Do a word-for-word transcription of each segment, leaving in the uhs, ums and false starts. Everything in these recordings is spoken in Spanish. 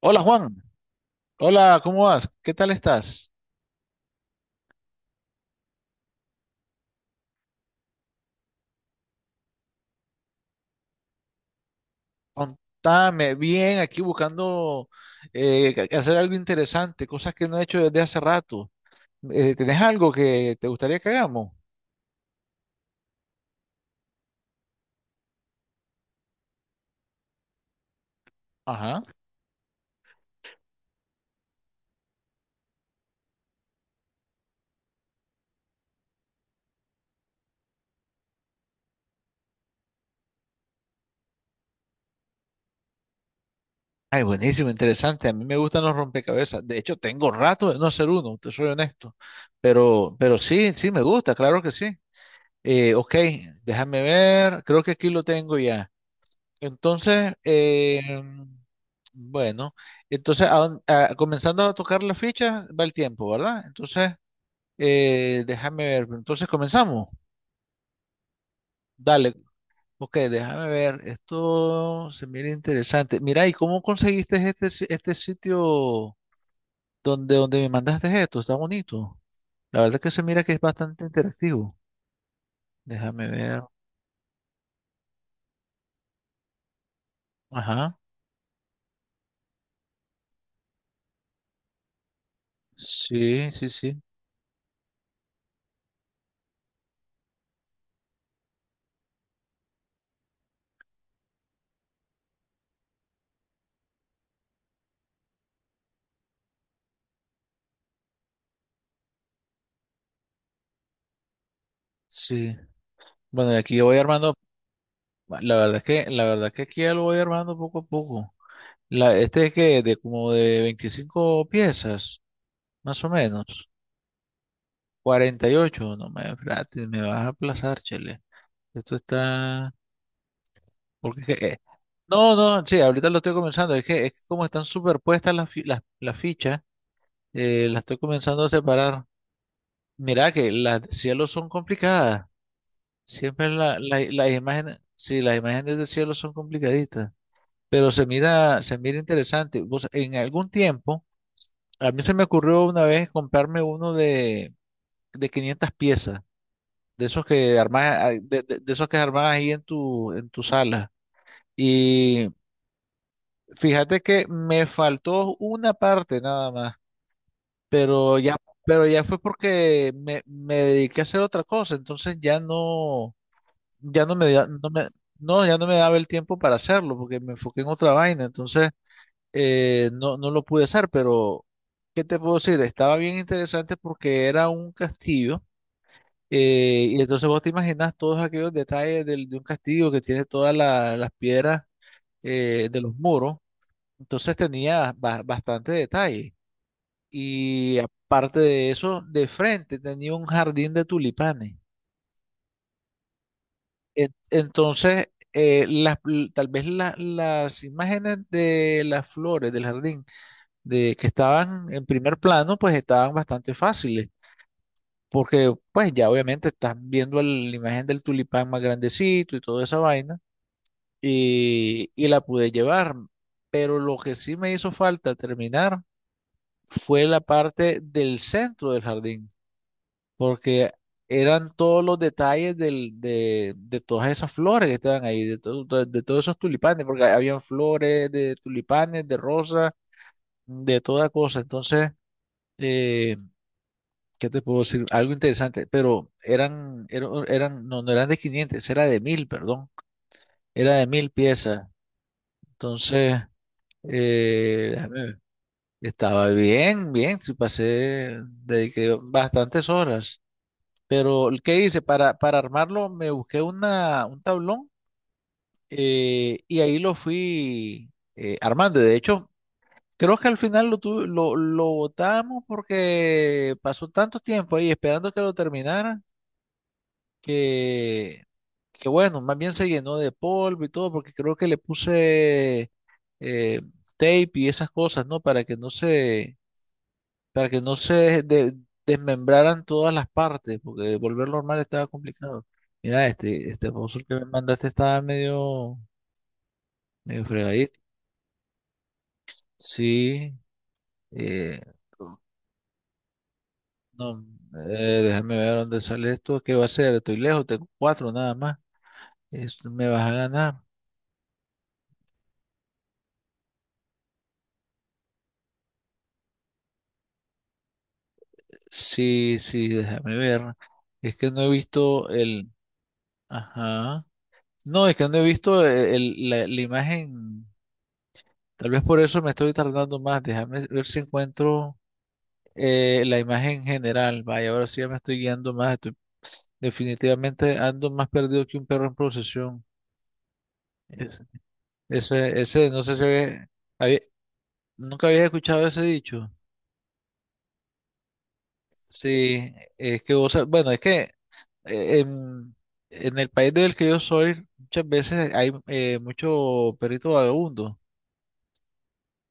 Hola Juan, hola, ¿cómo vas? ¿Qué tal estás? Contame bien, aquí buscando eh, ca- hacer algo interesante, cosas que no he hecho desde hace rato. Eh, ¿tenés algo que te gustaría que hagamos? Ajá. Ay, buenísimo, interesante. A mí me gustan los rompecabezas. De hecho, tengo rato de no hacer uno, te soy honesto. Pero, pero sí, sí me gusta, claro que sí. Eh, ok, déjame ver, creo que aquí lo tengo ya. Entonces, eh, bueno, entonces a dónde- a- comenzando a tocar las fichas va el tiempo, ¿verdad? Entonces, eh, déjame ver, entonces comenzamos. Dale, ok, déjame ver, esto se mira interesante. Mira, ¿y cómo conseguiste este, si- este sitio donde, donde me mandaste esto? Está bonito. La verdad que se mira que es bastante interactivo. Déjame ver. Ajá. Sí, sí, sí, sí. Bueno, y aquí voy armando. Ma- La verdad es que, la verdad es que aquí ya lo voy armando poco a poco. La, este es que de como de veinticinco piezas, más o menos. cuarenta y ocho, no me, espérate, me vas a aplazar, chele. Esto está, porque es que- eh, no, no, sí, ahorita lo estoy comenzando. Es que, es que como están superpuestas las, fi- las, las fichas, eh, las estoy comenzando a separar. Mira que las de cielo son complicadas. Siempre la, la- las imágenes, sí, las imágenes de cielo son complicaditas. Pero se mira, se mira interesante. Vos, en algún tiempo, a mí se me ocurrió una vez comprarme uno de, de quinientas piezas, de esos que armás, ah, de, de- de esos que armás ahí en tu, en tu sala. Y fíjate que me faltó una parte nada más, pero ya, pero ya fue porque me, me dediqué a hacer otra cosa, entonces ya no, ya no me, da- no me, no, ya no me daba el tiempo para hacerlo, porque me enfoqué en otra vaina, entonces eh, no, no lo pude hacer, pero ¿qué te puedo decir? Estaba bien interesante porque era un castillo, eh, y entonces vos te imaginas todos aquellos detalles del- de un castillo que tiene todas la- las piedras, eh, de los muros, entonces tenía ba- bastante detalle, y aparte de eso, de frente tenía un jardín de tulipanes. En- Entonces, eh, las- tal vez la- las imágenes de las flores del jardín de que estaban en primer plano, pues estaban bastante fáciles, porque pues ya obviamente estás viendo el- la imagen del tulipán más grandecito y toda esa vaina, y, y la pude llevar, pero lo que sí me hizo falta terminar fue la parte del centro del jardín, porque eran todos los detalles del- de, de todas esas flores que estaban ahí, de, to- to- de todos esos tulipanes, porque habían flores de tulipanes, de rosas, de toda cosa, entonces... eh, ¿Qué te puedo decir? Algo interesante, pero eran, eran, eran- no, no eran de quinientas, era de mil, perdón, era de mil piezas. Entonces, eh, déjame ver, estaba bien, bien, sí pasé, dediqué bastantes horas. Pero, ¿qué hice? Para, para armarlo me busqué una, un tablón, eh, y ahí lo fui, eh, armando. De hecho, creo que al final lo, tuve- lo, lo botamos porque pasó tanto tiempo ahí esperando que lo terminara, que, que bueno, más bien se llenó de polvo y todo, porque creo que le puse eh, tape y esas cosas, ¿no? Para que no se, para que no se de- desmembraran todas las partes, porque volverlo normal estaba complicado. Mira, este, este puzzle que me mandaste estaba medio, medio fregadito. Sí, eh, no, eh, déjame ver dónde sale esto. ¿Qué va a ser? Estoy lejos, tengo cuatro nada más. Esto me vas a ganar. Sí, sí, déjame ver. Es que no he visto el... Ajá. No, es que no he visto e- el- la, la imagen. Tal vez por eso me estoy tardando más. Déjame ver si encuentro eh, la imagen general. Vaya, ahora sí ya me estoy guiando más. Estoy- definitivamente ando más perdido que un perro en procesión. Ese, ese, ese, no sé si había- había- nunca había escuchado ese dicho. Sí, es que vos, sab- bueno, es que eh, en, en el país del que yo soy, muchas veces hay eh, mucho perrito vagabundo.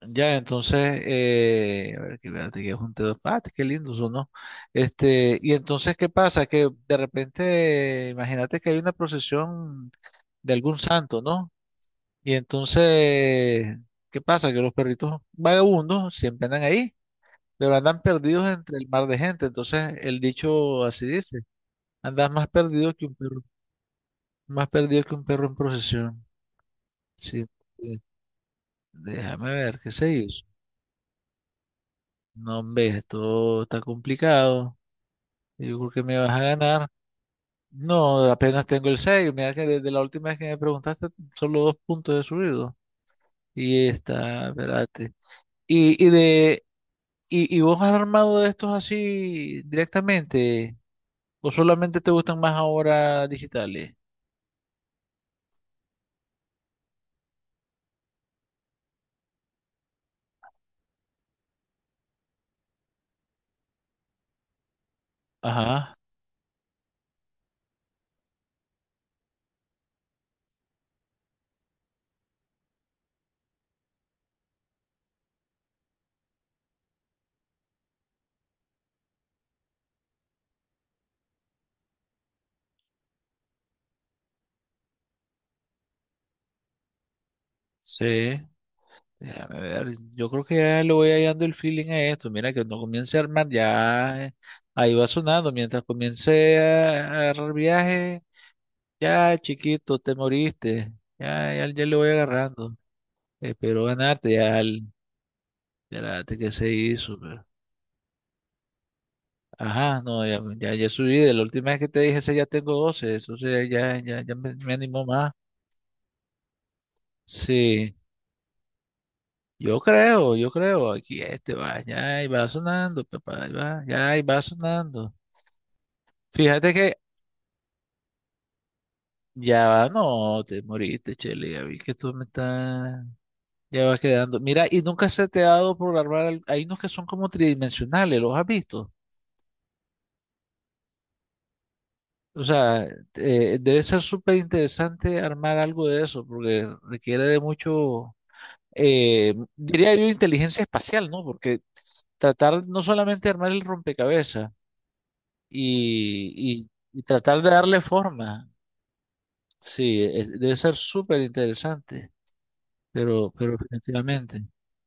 Ya, entonces, eh, a ver, que espérate, que es un dedo, ah, qué lindos son, ¿no? Este, y entonces, ¿qué pasa? Que de repente, imagínate que hay una procesión de algún santo, ¿no? Y entonces, ¿qué pasa? Que los perritos vagabundos siempre andan ahí, pero andan perdidos entre el mar de gente. Entonces, el dicho así dice, andas más perdido que un perro. Más perdido que un perro en procesión. Sí, eh, déjame ver, qué sé yo. No, hombre, esto está complicado. Yo creo que me vas a ganar. No, apenas tengo el seis. Mira que desde la última vez que me preguntaste, solo dos puntos he subido. Y está, espérate. Y, y de, y, y vos, ¿has armado de estos así directamente, o solamente te gustan más ahora digitales? Ajá, sí. Déjame ver, yo creo que ya le voy hallando el feeling a esto. Mira, que cuando comience a armar, ya eh, ahí va sonando. Mientras comience a, a agarrar viaje, ya chiquito, te moriste. Ya, ya, ya le voy agarrando. Espero ganarte, ya el- espérate, que se hizo, pero- Ajá, no, ya, ya, ya subí. De la última vez que te dije, ese ya tengo doce. Eso sea, ya, ya, ya me, me animó más. Sí. Yo creo, yo creo, aquí este va, ya ahí va sonando, papá, ahí va, ya ahí va sonando. Fíjate que ya va, no, te moriste, Chele, ya vi que tú me estás, ya vas quedando. Mira, y nunca se te ha dado por armar, al- hay unos que son como tridimensionales, ¿los has visto? O sea, eh, debe ser súper interesante armar algo de eso, porque requiere de mucho, eh, diría yo, inteligencia espacial, ¿no? Porque tratar no solamente de armar el rompecabezas, y, y- y tratar de darle forma, sí, eh, debe ser súper interesante. Pero, pero definitivamente.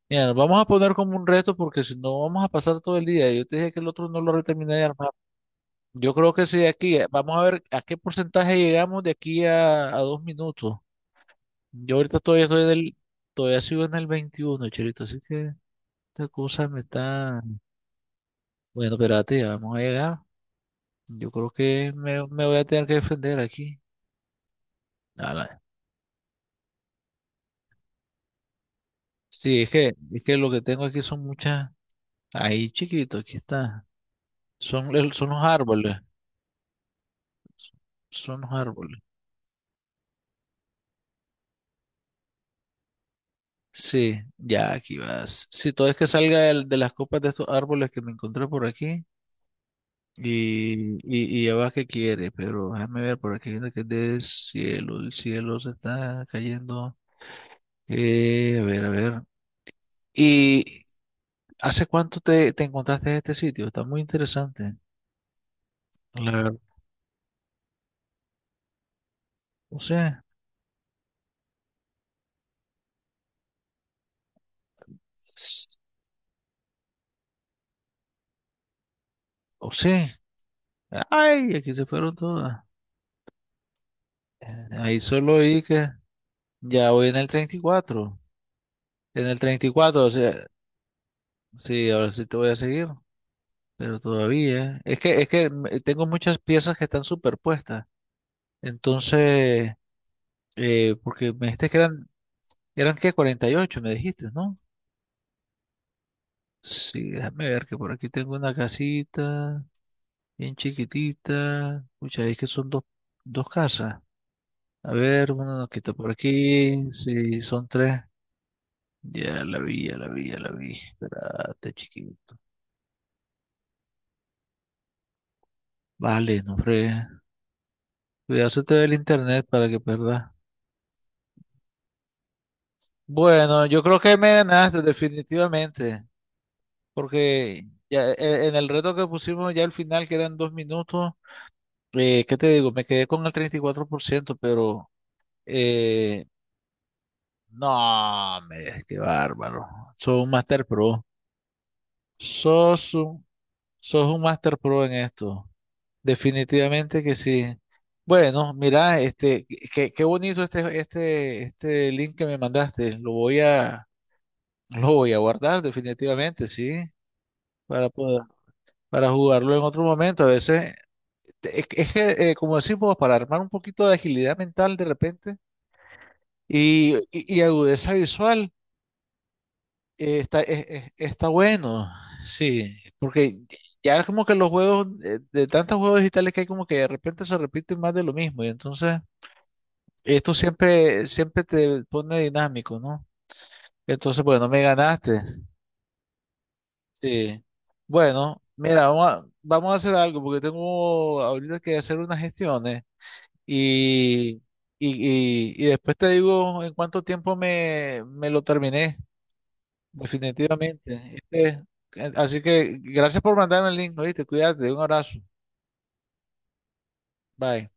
Mira, nos vamos a poner como un reto porque si no vamos a pasar todo el día. Yo te dije que el otro no lo terminé de armar. Yo creo que sí, aquí. eh, Vamos a ver a qué porcentaje llegamos de aquí a, a dos minutos. Yo ahorita todavía estoy del, todavía sigo en el veintiuno, Cherito, así que esta cosa me está... Bueno, espérate, ya vamos a llegar. Yo creo que me, me voy a tener que defender aquí. A la- Sí, es que, es que lo que tengo aquí son muchas... Ahí, chiquito, aquí está. Son, el- son los árboles. Son los árboles. Sí, ya aquí vas. Si todo es que salga el- de las copas de estos árboles que me encontré por aquí. Y, y, y ya va que quiere, pero déjame ver por aquí viendo que es del cielo. El cielo se está cayendo. Eh, a ver, a ver. ¿Y hace cuánto te, te encontraste en este sitio? Está muy interesante. La verdad. O sea, s- o sea. Ay, aquí se fueron todas. Eh, Ahí solo oí que ya voy en el treinta y cuatro. En el treinta y cuatro, o sea, sí, ahora sí te voy a seguir, pero todavía. Es que, es que me- tengo muchas piezas que están superpuestas. Entonces, eh, porque me dijiste que eran, eran que cuarenta y ocho, me dijiste, ¿no? Sí, déjame ver que por aquí tengo una casita bien chiquitita. Escucha, es que son dos, dos casas. A ver, una nos quita por aquí. Sí, son tres. Ya la vi, ya la vi, ya la vi. Espérate, chiquito. Vale, no fregues. Cuidarse todo el internet para que perda. Bueno, yo creo que me ganaste definitivamente, porque ya e- en el reto que pusimos ya al final, que eran dos minutos, eh, ¿qué te digo? Me quedé con el treinta y cuatro por ciento, pero eh, no, me, qué bárbaro. Sos un Master Pro. Sos un, sos un Master Pro en esto. Definitivamente que sí. Bueno, mira, este, qué, qué bonito este, este, este link que me mandaste. Lo voy a, Lo voy a guardar definitivamente, sí, para poder- para jugarlo en otro momento. A veces, te- es, que, es que, eh, como decimos, para armar un poquito de agilidad mental de repente y, y- y agudeza visual, eh, está, es- es- está bueno, sí, porque ya es como que los juegos, eh, de, tantos juegos digitales que hay, como que de repente se repiten más de lo mismo y entonces esto siempre, siempre te pone dinámico, ¿no? Entonces, bueno, me ganaste. Sí. Bueno, mira, vamos a, vamos a hacer algo porque tengo ahorita que hacer unas gestiones y, y, y, y después te digo en cuánto tiempo me, me lo terminé, definitivamente. Este, así que gracias por mandarme el link, ¿oíste? Cuídate, un abrazo. Bye.